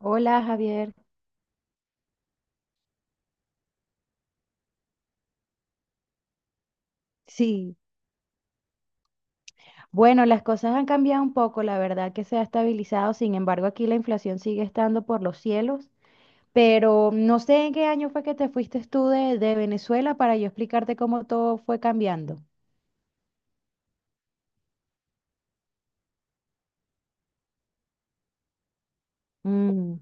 Hola Javier. Sí, bueno, las cosas han cambiado un poco, la verdad que se ha estabilizado, sin embargo aquí la inflación sigue estando por los cielos, pero no sé en qué año fue que te fuiste tú de Venezuela para yo explicarte cómo todo fue cambiando. Mm,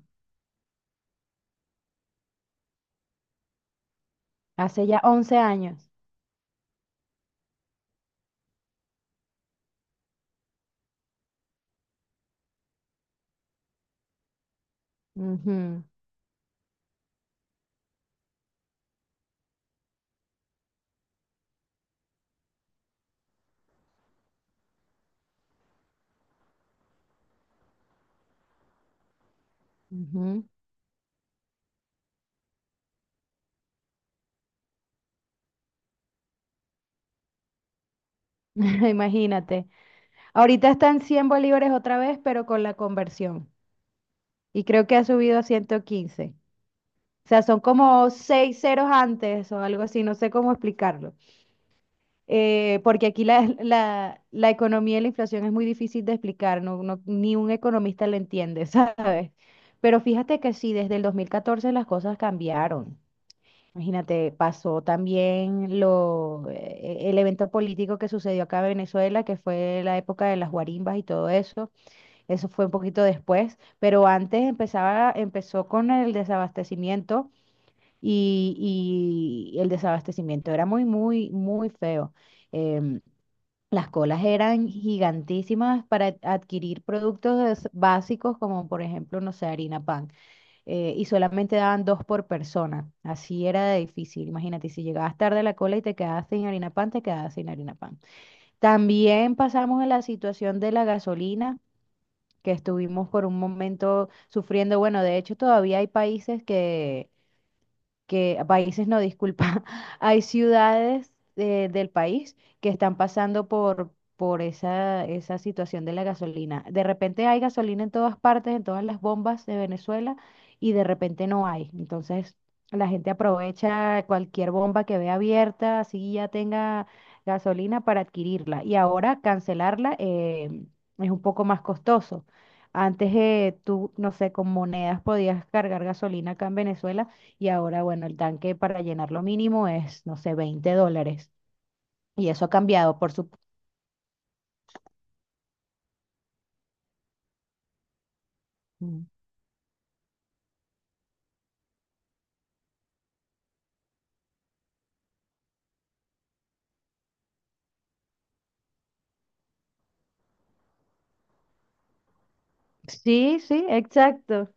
hace ya 11 años. Ujú, ujú. Imagínate. Ahorita están 100 bolívares otra vez, pero con la conversión. Y creo que ha subido a 115. O sea, son como 6 ceros antes o algo así, no sé cómo explicarlo. Porque aquí la economía y la inflación es muy difícil de explicar, no, ni un economista lo entiende, ¿sabes? Pero fíjate que sí, desde el 2014 las cosas cambiaron. Imagínate, pasó también el evento político que sucedió acá en Venezuela, que fue la época de las guarimbas y todo eso. Eso fue un poquito después, pero antes empezó con el desabastecimiento y el desabastecimiento era muy, muy, muy feo. Em, las colas eran gigantísimas para adquirir productos básicos como por ejemplo, no sé, harina pan. Y solamente daban dos por persona. Así era de difícil. Imagínate, si llegabas tarde a la cola y te quedabas sin harina pan, te quedabas sin harina pan. También pasamos en la situación de la gasolina, que estuvimos por un momento sufriendo. Bueno, de hecho todavía hay países que países no, disculpa, hay ciudades del país que están pasando por esa situación de la gasolina. De repente hay gasolina en todas partes, en todas las bombas de Venezuela, y de repente no hay. Entonces, la gente aprovecha cualquier bomba que vea abierta, así ya tenga gasolina para adquirirla. Y ahora cancelarla es un poco más costoso. Antes tú, no sé, con monedas podías cargar gasolina acá en Venezuela y ahora, bueno, el tanque para llenar lo mínimo es, no sé, $20. Y eso ha cambiado, por supuesto. Sí, sí, exacto.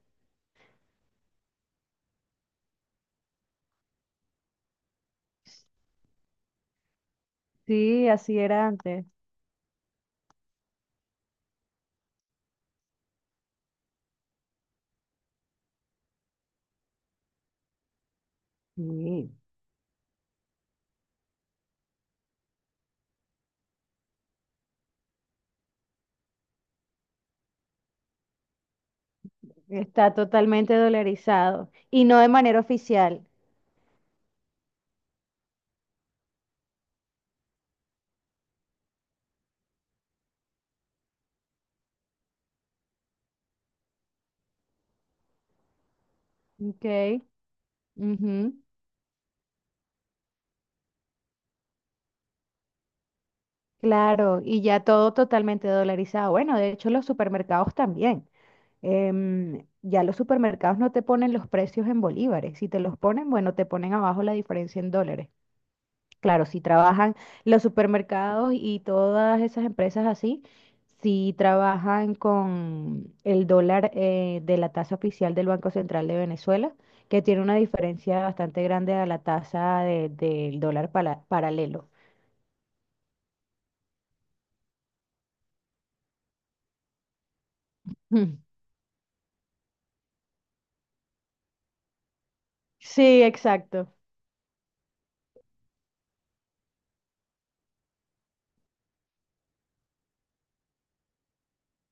Sí, así era antes. Sí, está totalmente dolarizado y no de manera oficial. Ok. Ujú. Claro, y ya todo totalmente dolarizado. Bueno, de hecho los supermercados también. Ya los supermercados no te ponen los precios en bolívares. Si te los ponen, bueno, te ponen abajo la diferencia en dólares. Claro, si trabajan los supermercados y todas esas empresas así, si trabajan con el dólar de la tasa oficial del Banco Central de Venezuela, que tiene una diferencia bastante grande a la tasa del dólar paralelo. Mm. Sí, exacto,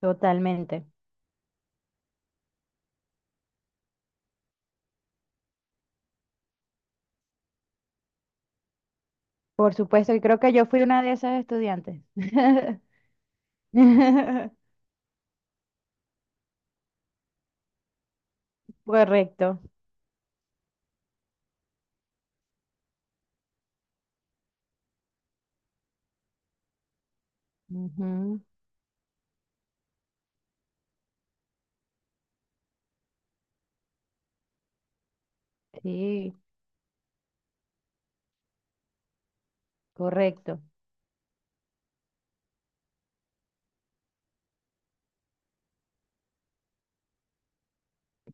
totalmente. Por supuesto, y creo que yo fui una de esas estudiantes. Correcto. Ujú. Sí, correcto.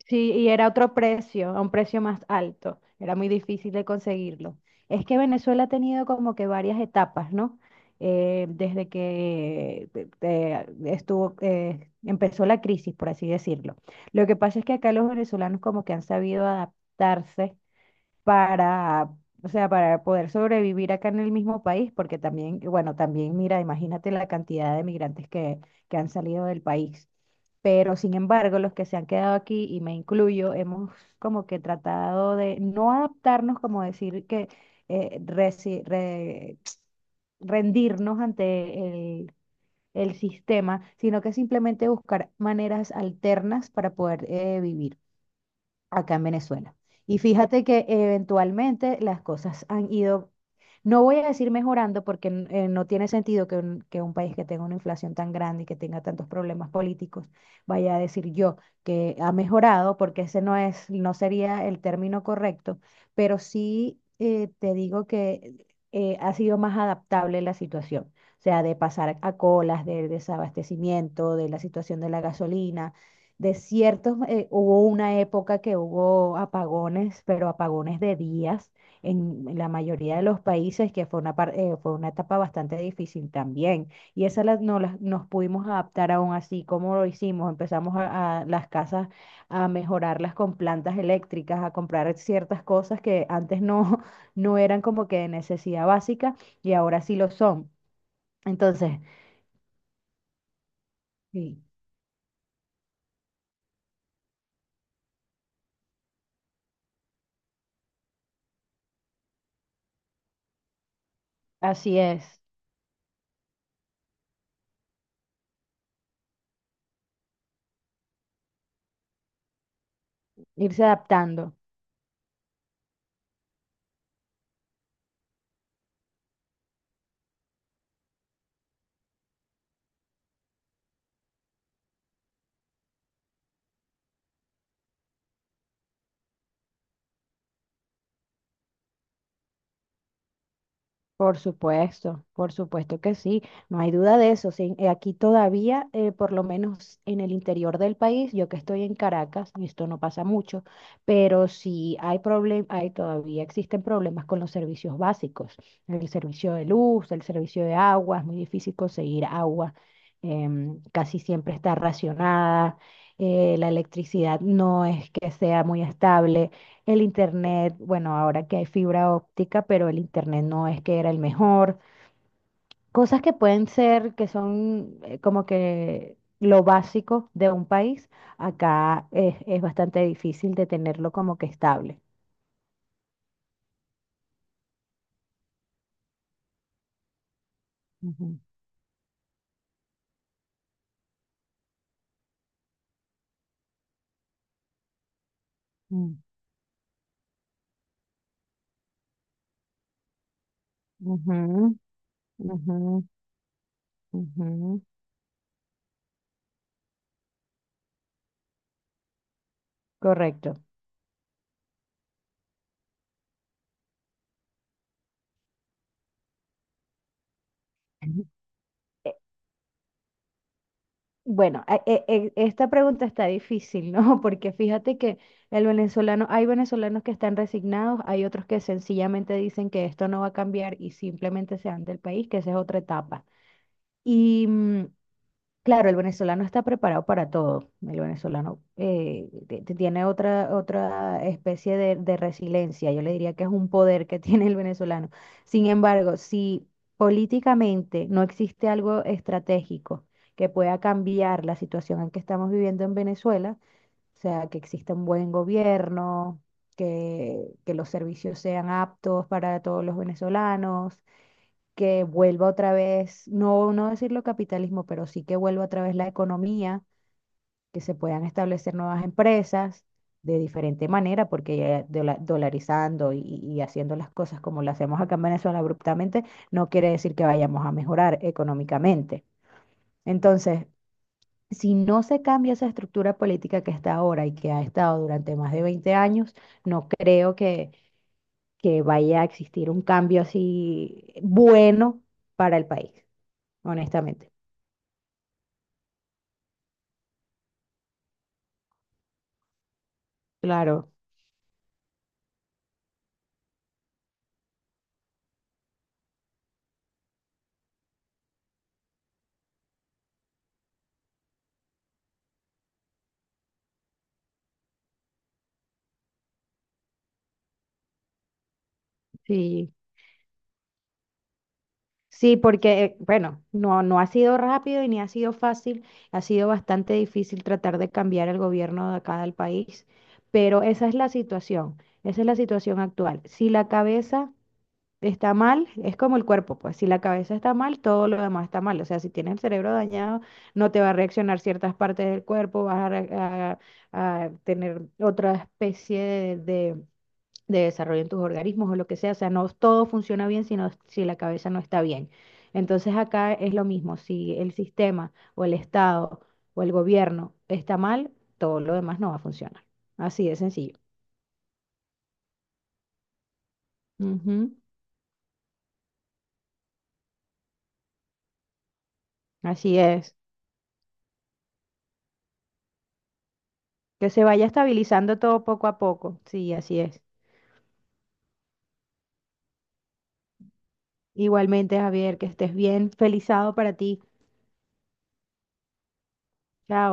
Sí, y era otro precio, a un precio más alto. Era muy difícil de conseguirlo. Es que Venezuela ha tenido como que varias etapas, ¿no? Desde que estuvo, empezó la crisis, por así decirlo. Lo que pasa es que acá los venezolanos como que han sabido adaptarse para, o sea, para poder sobrevivir acá en el mismo país, porque también, bueno, también mira, imagínate la cantidad de migrantes que han salido del país. Pero sin embargo, los que se han quedado aquí, y me incluyo, hemos como que tratado de no adaptarnos, como decir que eh, resi- re- rendirnos ante el, el sistema, sino que simplemente buscar maneras alternas para poder vivir acá en Venezuela. Y fíjate que eventualmente las cosas han ido, no voy a decir mejorando, porque no tiene sentido que que un país que tenga una inflación tan grande y que tenga tantos problemas políticos vaya a decir yo que ha mejorado, porque ese no es, no sería el término correcto, pero sí te digo que ha sido más adaptable la situación. O sea, de pasar a colas, de desabastecimiento, de la situación de la gasolina desiertos, hubo una época que hubo apagones, pero apagones de días en la mayoría de los países, que fue fue una etapa bastante difícil también. Y esa la, no la- nos pudimos adaptar aún así, como lo hicimos, empezamos a las casas a mejorarlas con plantas eléctricas, a comprar ciertas cosas que antes no, no eran como que de necesidad básica y ahora sí lo son. Entonces, sí, así es, irse adaptando. Por supuesto que sí, no hay duda de eso. Sí. Aquí todavía, por lo menos en el interior del país, yo que estoy en Caracas, y esto no pasa mucho, pero sí hay problemas, hay, todavía existen problemas con los servicios básicos, el servicio de luz, el servicio de agua, es muy difícil conseguir agua, casi siempre está racionada, la electricidad no es que sea muy estable. El internet, bueno, ahora que hay fibra óptica, pero el internet no es que era el mejor. Cosas que pueden ser, que son como que lo básico de un país, acá es bastante difícil de tenerlo como que estable. Ujú, mm, ujú, ujú, ujú. Correcto. Bueno, esta pregunta está difícil, ¿no? Porque fíjate que el venezolano, hay venezolanos que están resignados, hay otros que sencillamente dicen que esto no va a cambiar y simplemente se van del país, que esa es otra etapa. Y mm, claro, el venezolano está preparado para todo. El venezolano te tiene otra especie de resiliencia. Yo le diría que es un poder que tiene el venezolano. Sin embargo, si políticamente no existe algo estratégico que pueda cambiar la situación en que estamos viviendo en Venezuela, o sea, que exista un buen gobierno, que los servicios sean aptos para todos los venezolanos, que vuelva otra vez, no, no decirlo capitalismo, pero sí que vuelva otra vez la economía, que se puedan establecer nuevas empresas de diferente manera, porque ya dolarizando y haciendo las cosas como las hacemos acá en Venezuela abruptamente, no quiere decir que vayamos a mejorar económicamente. Entonces, si no se cambia esa estructura política que está ahora y que ha estado durante más de 20 años, no creo que vaya a existir un cambio así bueno para el país honestamente. Claro, sí. Sí, porque, bueno, no, no ha sido rápido y ni ha sido fácil, ha sido bastante difícil tratar de cambiar el gobierno de acá del país, pero esa es la situación, esa es la situación actual. Si la cabeza está mal, es como el cuerpo, pues si la cabeza está mal, todo lo demás está mal. O sea, si tienes el cerebro dañado, no te va a reaccionar ciertas partes del cuerpo, vas a, re- a tener otra especie de de desarrollo en tus organismos o lo que sea. O sea, no todo funciona bien sino si la cabeza no está bien. Entonces acá es lo mismo, si el sistema o el Estado o el gobierno está mal, todo lo demás no va a funcionar. Así de sencillo. Ujú, así es. Que se vaya estabilizando todo poco a poco. Sí, así es. Igualmente, Javier, que estés bien. Feliz sábado para ti. Chao.